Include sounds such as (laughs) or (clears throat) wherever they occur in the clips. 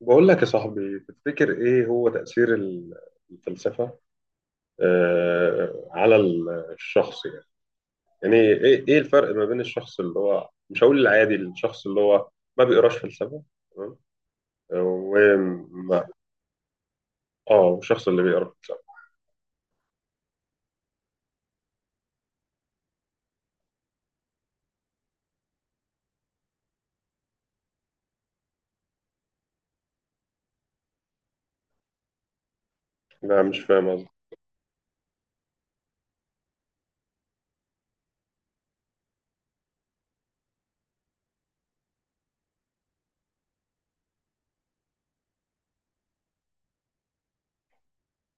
بقول لك يا صاحبي، تفتكر ايه هو تأثير الفلسفة على الشخص يعني. يعني ايه الفرق ما بين الشخص اللي هو، مش هقول العادي، الشخص اللي هو ما بيقراش فلسفة، تمام، وما اه والشخص اللي بيقرا فلسفة. لا مش فاهم قصدي.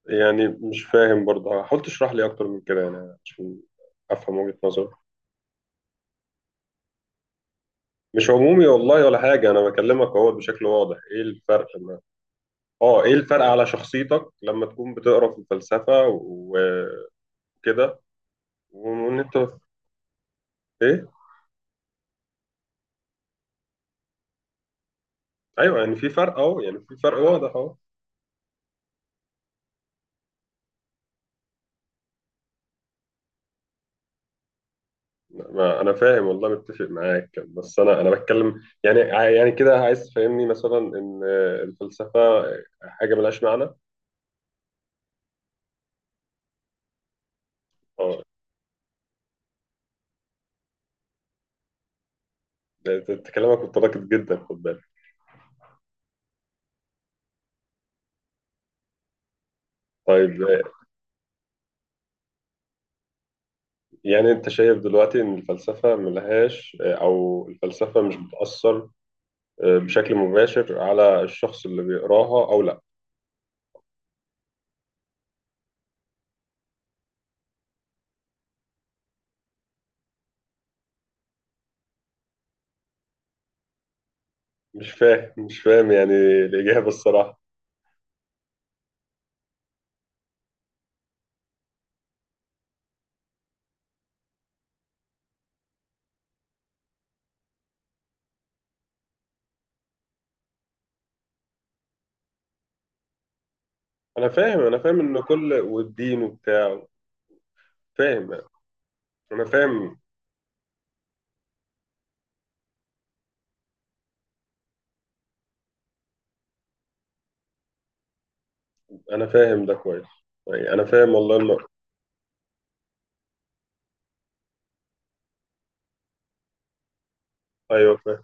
يعني مش فاهم برضه، حاول تشرح لي اكتر من كده يعني، عشان افهم وجهة نظرك. مش عمومي والله ولا حاجة، انا بكلمك اهو بشكل واضح ايه الفرق. اه، ايه الفرق على شخصيتك لما تكون بتقرا في الفلسفه وكده، وان انت ايه ايوه يعني في فرق اهو، يعني في فرق واضح اهو. ما انا فاهم والله، متفق معاك، بس انا بتكلم يعني يعني كده، عايز تفهمني مثلا ان الفلسفه حاجه ملهاش معنى. اه، ده كلامك متناقض جدا، خد بالك. طيب يعني، انت شايف دلوقتي ان الفلسفه ملهاش، او الفلسفه مش بتاثر بشكل مباشر على الشخص اللي بيقراها او لا؟ مش فاهم، مش فاهم يعني الإجابة الصراحة. أنا فاهم، أنا فاهم إن كل والدين وبتاع، فاهم يعني. أنا فاهم، أنا فاهم ده كويس. يعني أنا فاهم والله إنه، أيوه فاهم.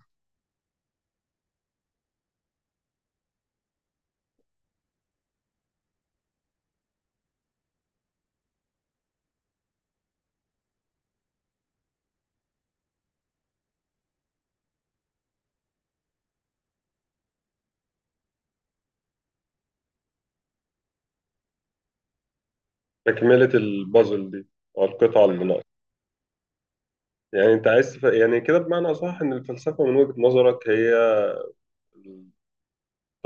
تكملة البازل دي أو القطعة اللي ناقصة. يعني أنت عايز يعني كده بمعنى أصح، إن الفلسفة من وجهة نظرك هي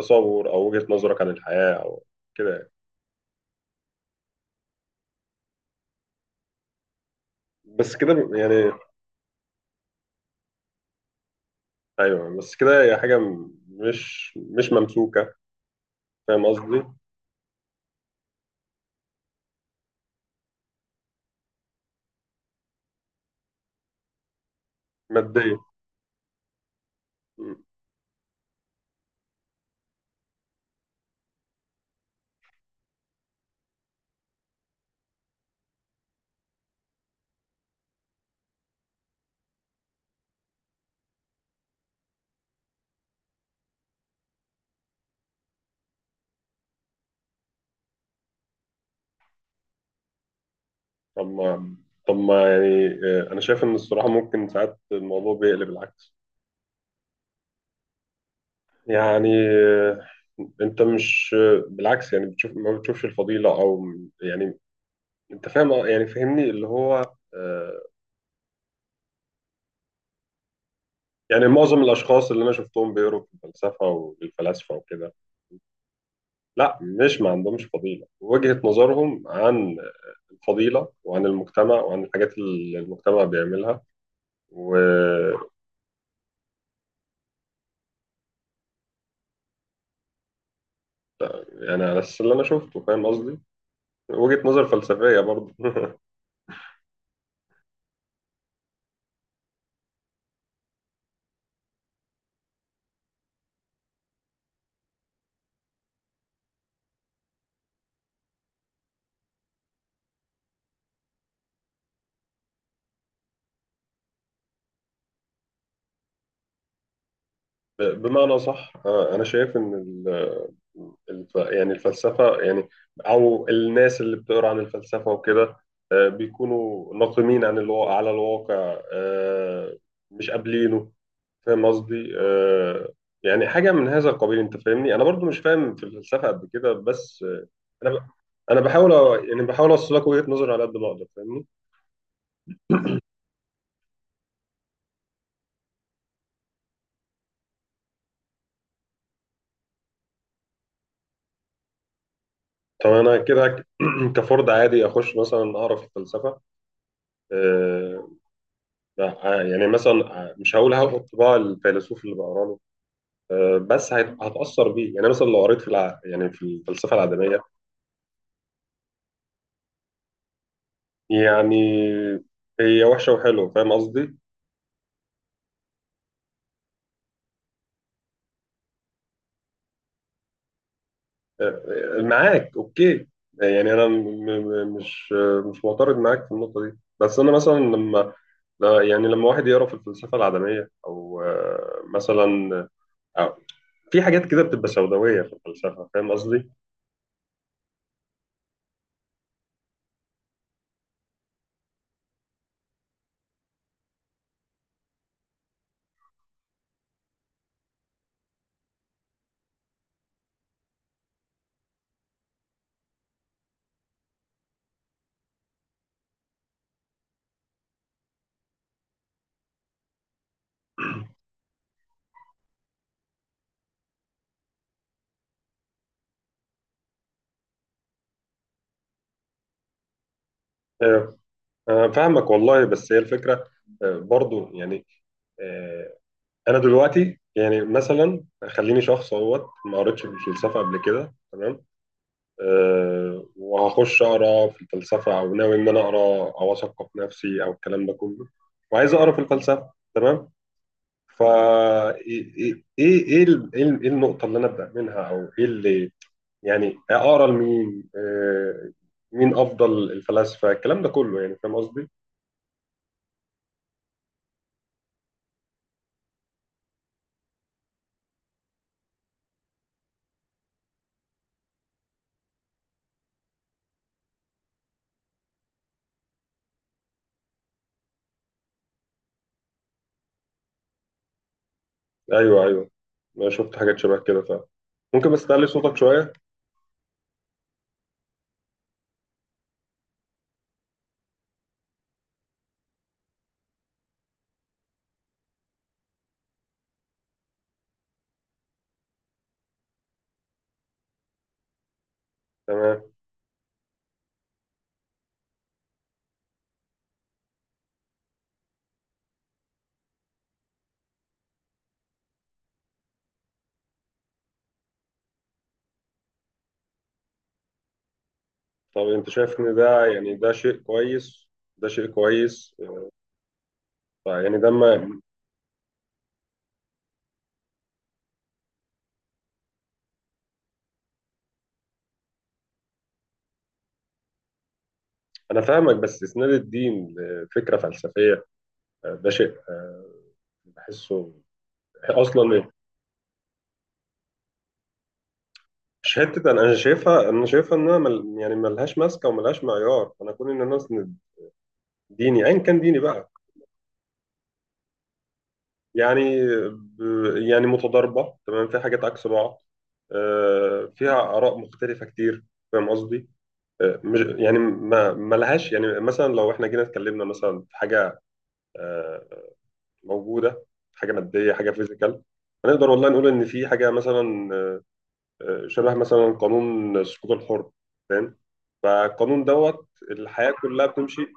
التصور أو وجهة نظرك عن الحياة، أو كده يعني. بس كده يعني، أيوه بس كده هي حاجة مش ممسوكة، فاهم قصدي؟ مادية. طب ما طب ما يعني انا شايف ان الصراحه ممكن ساعات الموضوع بيقلب العكس. يعني انت مش بالعكس، يعني بتشوف، ما بتشوفش الفضيله او، يعني انت فاهم يعني فهمني اللي هو يعني معظم الاشخاص اللي انا شفتهم بيقروا في الفلسفه والفلاسفه وكده. لا، مش ما عندهمش فضيله، وجهه نظرهم عن الفضيله وعن المجتمع وعن الحاجات اللي المجتمع بيعملها و آه، يعني على اساس اللي انا شفته، فاهم قصدي، وجهة نظر فلسفية برضه. (laughs) بمعنى صح أنا شايف إن يعني الفلسفة يعني، أو الناس اللي بتقرأ عن الفلسفة وكده، بيكونوا ناقمين عن الواقع على الواقع، مش قابلينه، فاهم قصدي يعني حاجة من هذا القبيل. أنت فاهمني، أنا برضو مش فاهم في الفلسفة قد كده، بس أنا ب- أنا بحاول يعني بحاول أوصل لك وجهة نظري على قد ما أقدر، فاهمني. طب أنا كده (clears throat) كفرد عادي أخش مثلا أعرف الفلسفة آه، يعني مثلا مش هقول هاخد طباع الفيلسوف اللي بقرا له، بس هتأثر بيه. يعني مثلا لو قريت يعني في الفلسفة العدمية، يعني هي وحشة وحلوة، فاهم قصدي؟ آه، معاك اوكي. يعني انا مش معترض معاك في النقطة دي، بس انا مثلا لما يعني لما واحد يقرا في الفلسفة العدمية او مثلا آه، في حاجات كده بتبقى سوداوية في الفلسفة، فاهم قصدي؟ آه، أنا فاهمك والله، بس هي الفكرة برضو يعني آه، أنا دلوقتي يعني مثلا خليني شخص اهوت، ما قريتش في الفلسفة قبل كده، تمام، وهخش أقرأ في الفلسفة، أو ناوي إن أنا أقرأ أو أثقف نفسي أو الكلام ده كله، وعايز أقرأ في الفلسفة، تمام. فا إيه النقطة اللي أنا أبدأ منها، أو إيه اللي يعني أقرأ لمين، مين أفضل الفلاسفة، الكلام ده كله، يعني فاهم قصدي؟ ايوه، ايوه، انا شفت حاجات شبه كده فعلا. ممكن بس تعلي صوتك شويه؟ تمام. طب انت شايف ان ده، يعني ده شيء كويس، ده شيء كويس طيب يعني ده ما انا فاهمك، بس اسناد الدين لفكره فلسفيه ده شيء بحسه اصلا إيه؟ مش حته، أنا شايفها، انا شايفها انها يعني ملهاش ماسكه وملهاش معيار. انا كون ان انا اسند ديني، ايا كان ديني بقى، يعني يعني متضاربة، تمام، في حاجات عكس بعض فيها آراء مختلفة كتير، فاهم قصدي؟ مش يعني ما لهاش. يعني مثلا لو احنا جينا اتكلمنا مثلا في حاجة آه، موجودة، حاجة مادية، حاجة فيزيكال، هنقدر والله نقول إن في حاجة مثلا شبه مثلا قانون السقوط الحر، فاهم؟ فالقانون دوت الحياة كلها بتمشي.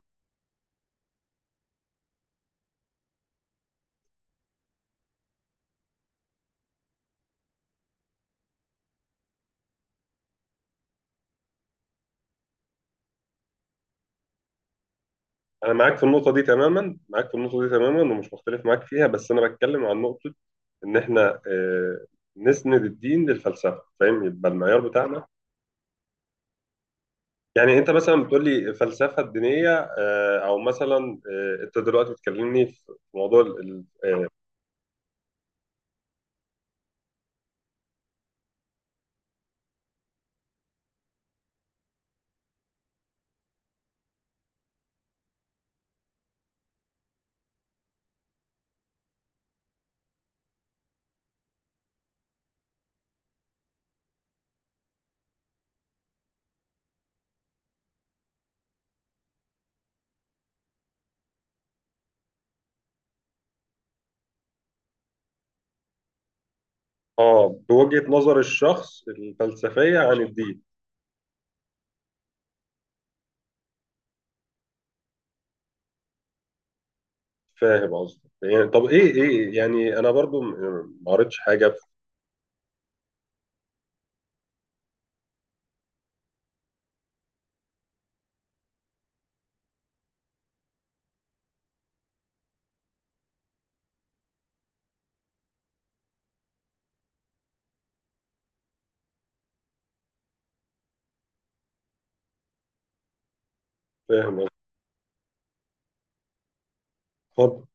أنا معاك في النقطة دي تماما، معاك في النقطة دي تماما، ومش مختلف معاك فيها، بس أنا بتكلم عن نقطة ان احنا نسند الدين للفلسفه، فاهم، يبقى المعيار بتاعنا. يعني انت مثلا بتقول لي الفلسفه الدينيه او مثلا انت دلوقتي بتكلمني في موضوع بوجهه نظر الشخص الفلسفيه عن الدين، فاهم قصدي؟ يعني طب ايه يعني، انا برضو ما قريتش حاجه فاهم قصدي. اتفضل.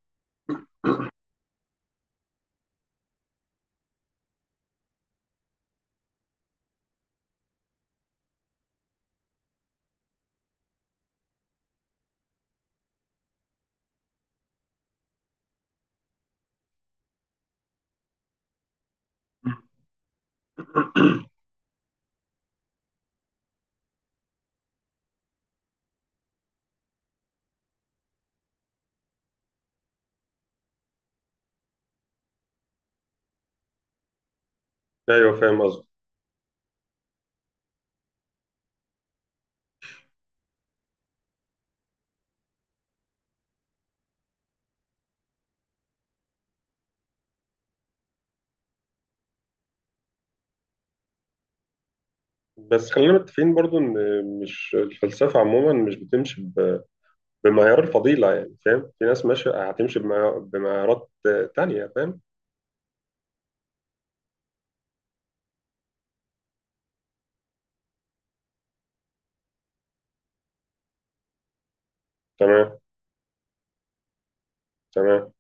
(clears throat) ايوه فاهم قصدي. بس خلينا متفقين برضو ان مش الفلسفه عموما مش بتمشي بمعيار الفضيلة يعني، فاهم، في ناس ماشية هتمشي بمعيارات تانية، فاهم؟ تمام، تمام.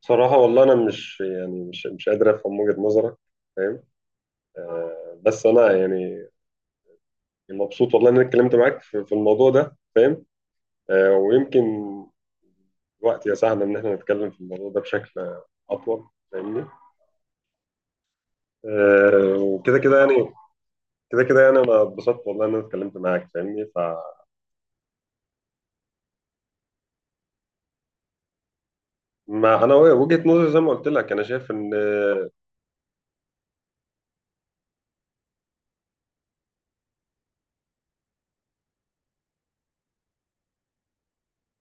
صراحة والله أنا مش يعني مش قادر أفهم وجهة نظرك، فاهم، بس أنا يعني مبسوط والله إن أنا اتكلمت معاك في الموضوع ده، فاهم، ويمكن الوقت يساعدنا إن إحنا نتكلم في الموضوع ده بشكل أطول، فاهمني، وكده كده يعني، كده كده يعني، أنا اتبسطت والله إن أنا اتكلمت معاك، فاهمني. فما أنا وجهة نظري زي ما قلت لك، أنا شايف إن،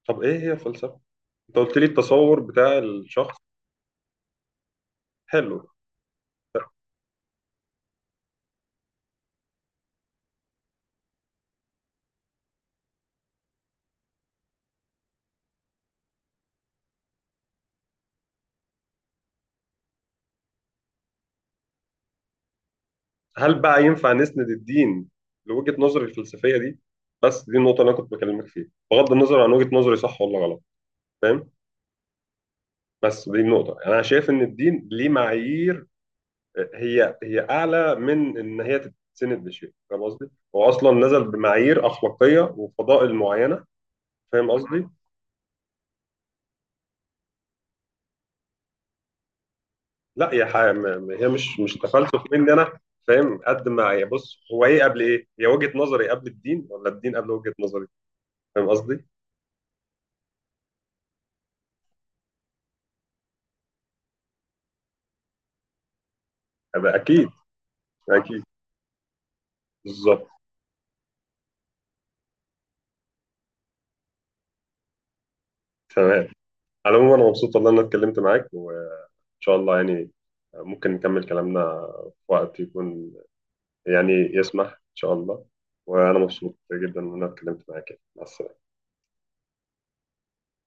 طب ايه هي الفلسفه؟ انت قلت لي التصور بتاع الشخص. حلو. هل بقى ينفع نسند الدين لوجهه نظري الفلسفيه دي؟ بس دي النقطه اللي انا كنت بكلمك فيها، بغض النظر عن وجهه نظري صح ولا غلط، فاهم. بس دي النقطه، يعني انا شايف ان الدين ليه معايير، هي اعلى من ان هي تتسند لشيء، فاهم قصدي، هو اصلا نزل بمعايير اخلاقيه وفضائل معينه، فاهم قصدي. لا يا هي مش تفلسف مني انا، فاهم قد ما هي. بص، هو ايه قبل ايه؟ هي وجهة نظري قبل الدين، ولا الدين قبل وجهة نظري؟ فاهم قصدي؟ أبقى اكيد. اكيد، بالظبط، تمام. على العموم انا مبسوط والله ان انا اتكلمت معاك، وان شاء الله يعني ممكن نكمل كلامنا في وقت يكون يعني يسمح ان شاء الله. وانا مبسوط جدا ان انا اتكلمت معاك، مع السلامة.